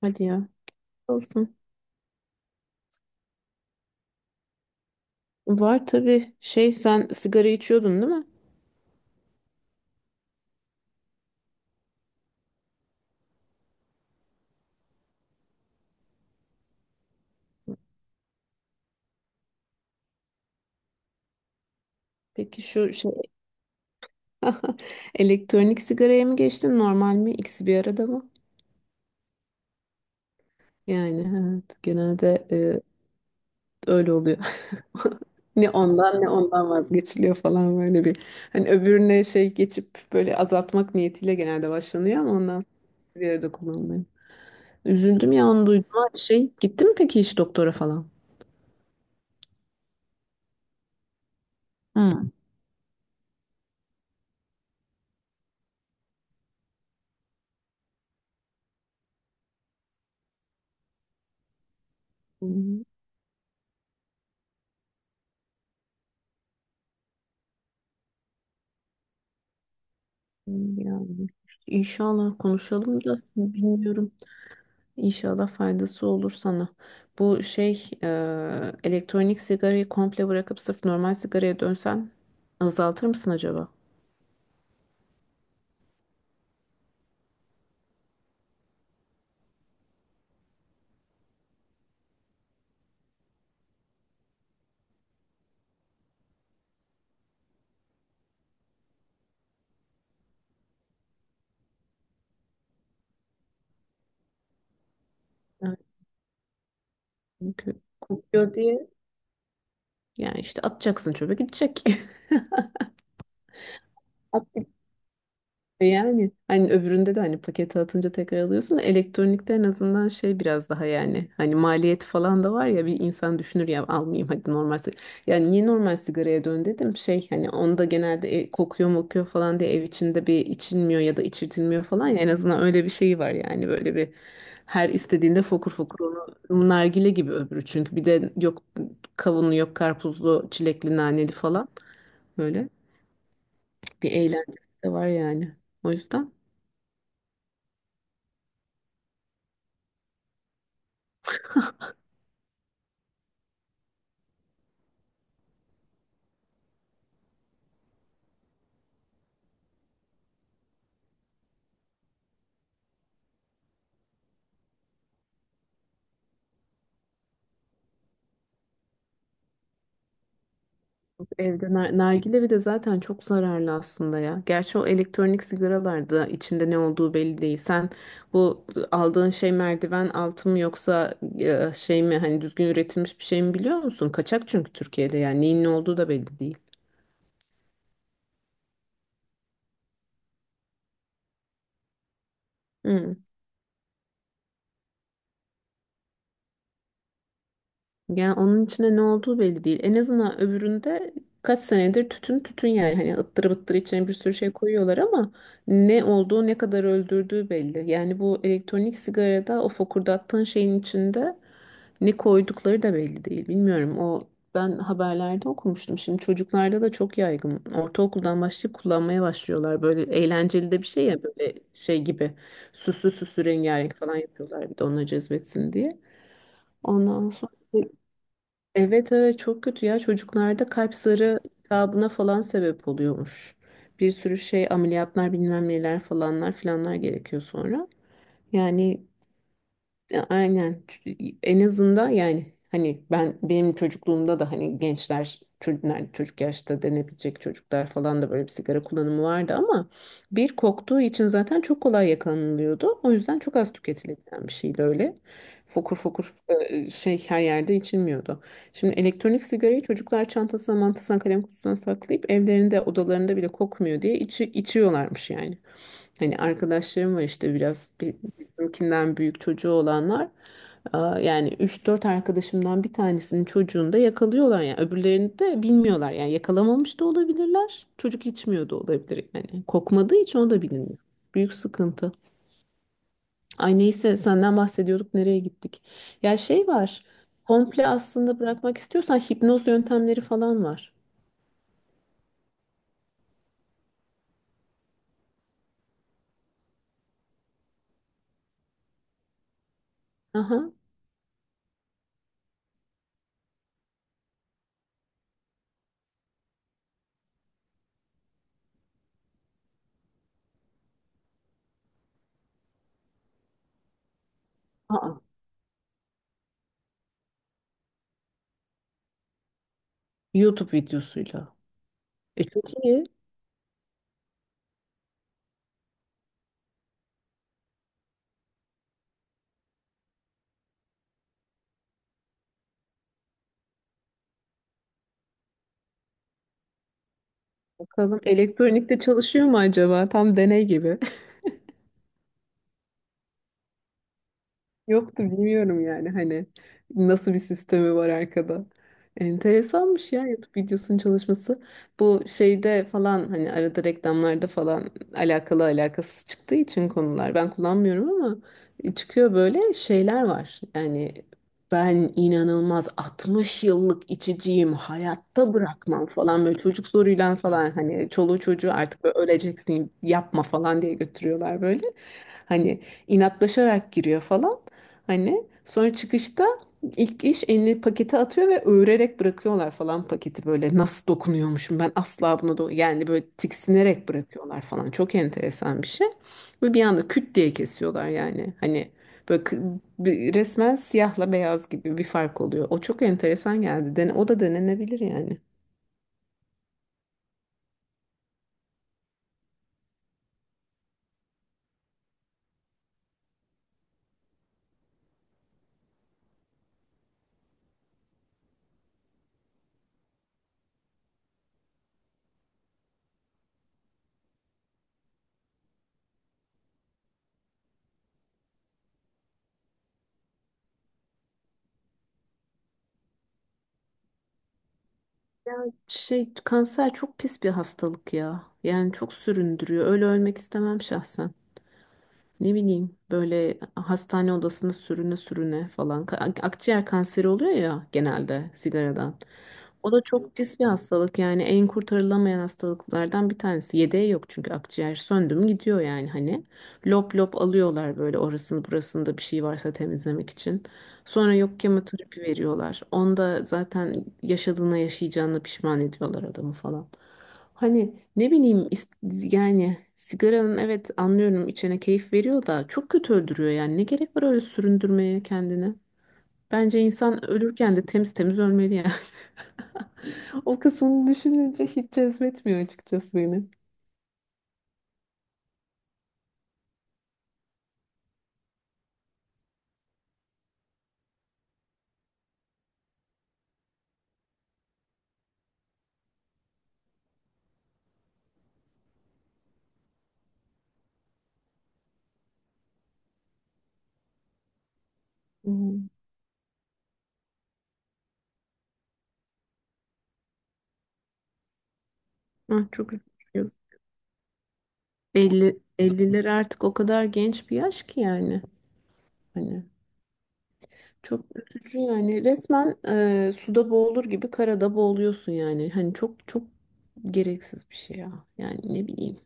Hadi ya. Olsun. Var tabii. Şey, sen sigara içiyordun, değil mi? Peki şu şey elektronik sigaraya mı geçtin, normal mi? İkisi bir arada mı? Yani evet, genelde öyle oluyor. Ne ondan ne ondan vazgeçiliyor falan böyle bir. Hani öbürüne şey geçip böyle azaltmak niyetiyle genelde başlanıyor ama ondan sonra bir arada kullanılıyor. Üzüldüm ya onu duyduğuma. Şey, gittin mi peki hiç doktora falan? Hı. Yani inşallah konuşalım da bilmiyorum. İnşallah faydası olur sana. Bu şey elektronik sigarayı komple bırakıp sırf normal sigaraya dönsen azaltır mısın acaba? Yani çünkü kokuyor diye, yani işte atacaksın, çöpe gidecek. E yani hani öbüründe de hani pakete atınca tekrar alıyorsun. Da elektronikte en azından şey biraz daha, yani hani maliyet falan da var ya, bir insan düşünür ya, almayayım hadi normal sigara. Yani niye normal sigaraya dön dedim, şey hani onda genelde kokuyor mokuyor falan diye ev içinde bir içilmiyor ya da içirtilmiyor falan ya, en azından öyle bir şey var yani, böyle bir her istediğinde fokur fokur onu nargile gibi, öbürü çünkü bir de yok kavunlu, yok karpuzlu, çilekli, naneli falan, böyle bir eğlence de var yani, o yüzden. Evde nargile bir de zaten çok zararlı aslında ya. Gerçi o elektronik sigaralarda içinde ne olduğu belli değil. Sen bu aldığın şey merdiven altı mı yoksa şey mi, hani düzgün üretilmiş bir şey mi, biliyor musun? Kaçak çünkü Türkiye'de, yani neyin ne olduğu da belli değil. Yani onun içinde ne olduğu belli değil. En azından öbüründe kaç senedir tütün tütün, yani hani ıttırı bıttırı içine bir sürü şey koyuyorlar ama ne olduğu, ne kadar öldürdüğü belli. Yani bu elektronik sigarada o fokurdattığın şeyin içinde ne koydukları da belli değil. Bilmiyorum, o ben haberlerde okumuştum. Şimdi çocuklarda da çok yaygın. Ortaokuldan başlayıp kullanmaya başlıyorlar. Böyle eğlenceli de bir şey ya, böyle şey gibi süslü süslü, rengarenk falan yapıyorlar bir de onları cezbetsin diye. Ondan sonra evet, evet çok kötü ya, çocuklarda kalp zarı iltihabına falan sebep oluyormuş. Bir sürü şey, ameliyatlar, bilmem neler, falanlar filanlar gerekiyor sonra. Yani ya, aynen. Çünkü en azından yani hani ben benim çocukluğumda da hani gençler, çocuklar, çocuk yaşta denebilecek çocuklar falan da böyle bir sigara kullanımı vardı ama bir koktuğu için zaten çok kolay yakalanılıyordu. O yüzden çok az tüketilebilen bir şeydi öyle. Fokur fokur şey her yerde içilmiyordu. Şimdi elektronik sigarayı çocuklar çantasına, mantasına, kalem kutusuna saklayıp evlerinde, odalarında bile kokmuyor diye içiyorlarmış yani. Hani arkadaşlarım var işte biraz bizimkinden büyük çocuğu olanlar. Aa, yani üç dört arkadaşımdan bir tanesinin çocuğunu da yakalıyorlar, yani öbürlerini de bilmiyorlar, yani yakalamamış da olabilirler, çocuk içmiyor da olabilir yani, kokmadığı için o da bilinmiyor, büyük sıkıntı. Ay neyse, senden bahsediyorduk, nereye gittik. Ya şey var, komple aslında bırakmak istiyorsan hipnoz yöntemleri falan var. Aha. Aa. YouTube videosuyla, e çok iyi. Bakalım elektronikte çalışıyor mu acaba? Tam deney gibi. Yoktu, bilmiyorum yani hani nasıl bir sistemi var arkada. Enteresanmış ya, YouTube videosunun çalışması. Bu şeyde falan hani arada reklamlarda falan alakalı alakasız çıktığı için konular ben kullanmıyorum ama çıkıyor böyle şeyler var. Yani ben inanılmaz 60 yıllık içiciyim, hayatta bırakmam falan, böyle çocuk zoruyla falan, hani çoluğu çocuğu artık, böyle öleceksin, yapma falan diye götürüyorlar böyle. Hani inatlaşarak giriyor falan. Hani sonra çıkışta ilk iş elini pakete atıyor ve öğrerek bırakıyorlar falan paketi, böyle nasıl dokunuyormuşum ben asla bunu yani, böyle tiksinerek bırakıyorlar falan, çok enteresan bir şey. Ve bir anda küt diye kesiyorlar yani, hani böyle resmen siyahla beyaz gibi bir fark oluyor, o çok enteresan geldi. Den o da denenebilir yani. Şey, kanser çok pis bir hastalık ya, yani çok süründürüyor, öyle ölmek istemem şahsen. Ne bileyim, böyle hastane odasında sürüne sürüne falan. Akciğer kanseri oluyor ya genelde sigaradan. O da çok pis bir hastalık yani, en kurtarılamayan hastalıklardan bir tanesi. Yedeği yok, çünkü akciğer söndü mü gidiyor yani hani. Lop lop alıyorlar böyle, orasını burasında bir şey varsa temizlemek için. Sonra yok kemoterapi veriyorlar. Onda zaten yaşadığına, yaşayacağına pişman ediyorlar adamı falan. Hani ne bileyim yani sigaranın, evet anlıyorum içene keyif veriyor da çok kötü öldürüyor yani. Ne gerek var öyle süründürmeye kendini? Bence insan ölürken de temiz temiz ölmeli yani. O kısmını düşününce hiç cezbetmiyor açıkçası beni. Hmm. Ah, çok üzücü. Elli elliler artık o kadar genç bir yaş ki yani. Hani çok üzücü yani. Resmen suda boğulur gibi karada boğuluyorsun yani. Hani çok çok gereksiz bir şey ya. Yani ne bileyim.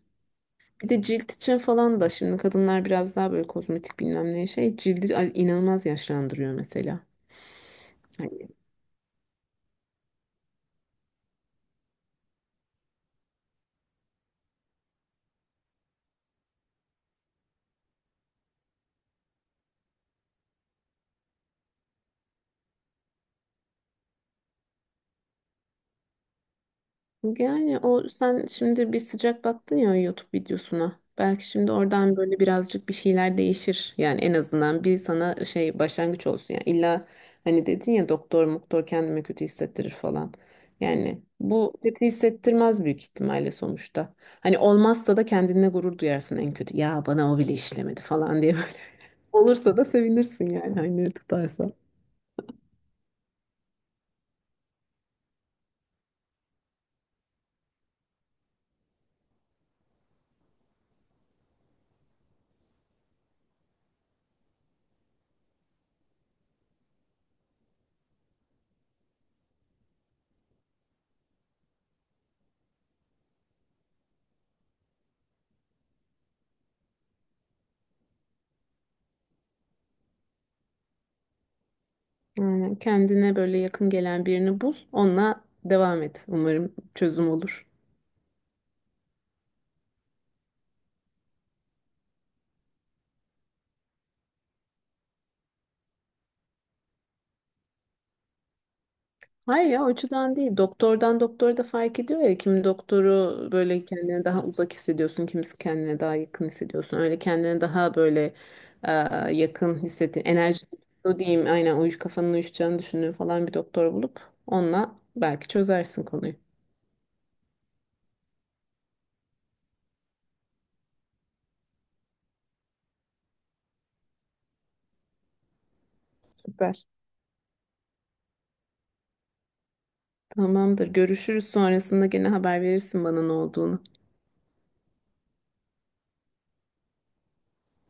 Bir de cilt için falan da şimdi kadınlar biraz daha böyle kozmetik bilmem ne, şey cildi inanılmaz yaşlandırıyor mesela. Hani yani o sen şimdi bir sıcak baktın ya o YouTube videosuna. Belki şimdi oradan böyle birazcık bir şeyler değişir. Yani en azından bir sana şey başlangıç olsun. Yani illa hani dedin ya, doktor muktor kendimi kötü hissettirir falan. Yani bu kötü hissettirmez büyük ihtimalle sonuçta. Hani olmazsa da kendine gurur duyarsın en kötü. Ya bana o bile işlemedi falan diye böyle. Olursa da sevinirsin yani hani tutarsa. Aynen. Kendine böyle yakın gelen birini bul, onunla devam et. Umarım çözüm olur. Hayır ya, o açıdan değil. Doktordan doktora da fark ediyor ya. Kimi doktoru böyle kendine daha uzak hissediyorsun, kimisi kendine daha yakın hissediyorsun. Öyle kendine daha böyle e, yakın hissettiğin, enerji o diyeyim, aynen uyuş, kafanın uyuşacağını düşündüğün falan bir doktor bulup onunla belki çözersin konuyu. Süper. Tamamdır. Görüşürüz, sonrasında gene haber verirsin bana ne olduğunu.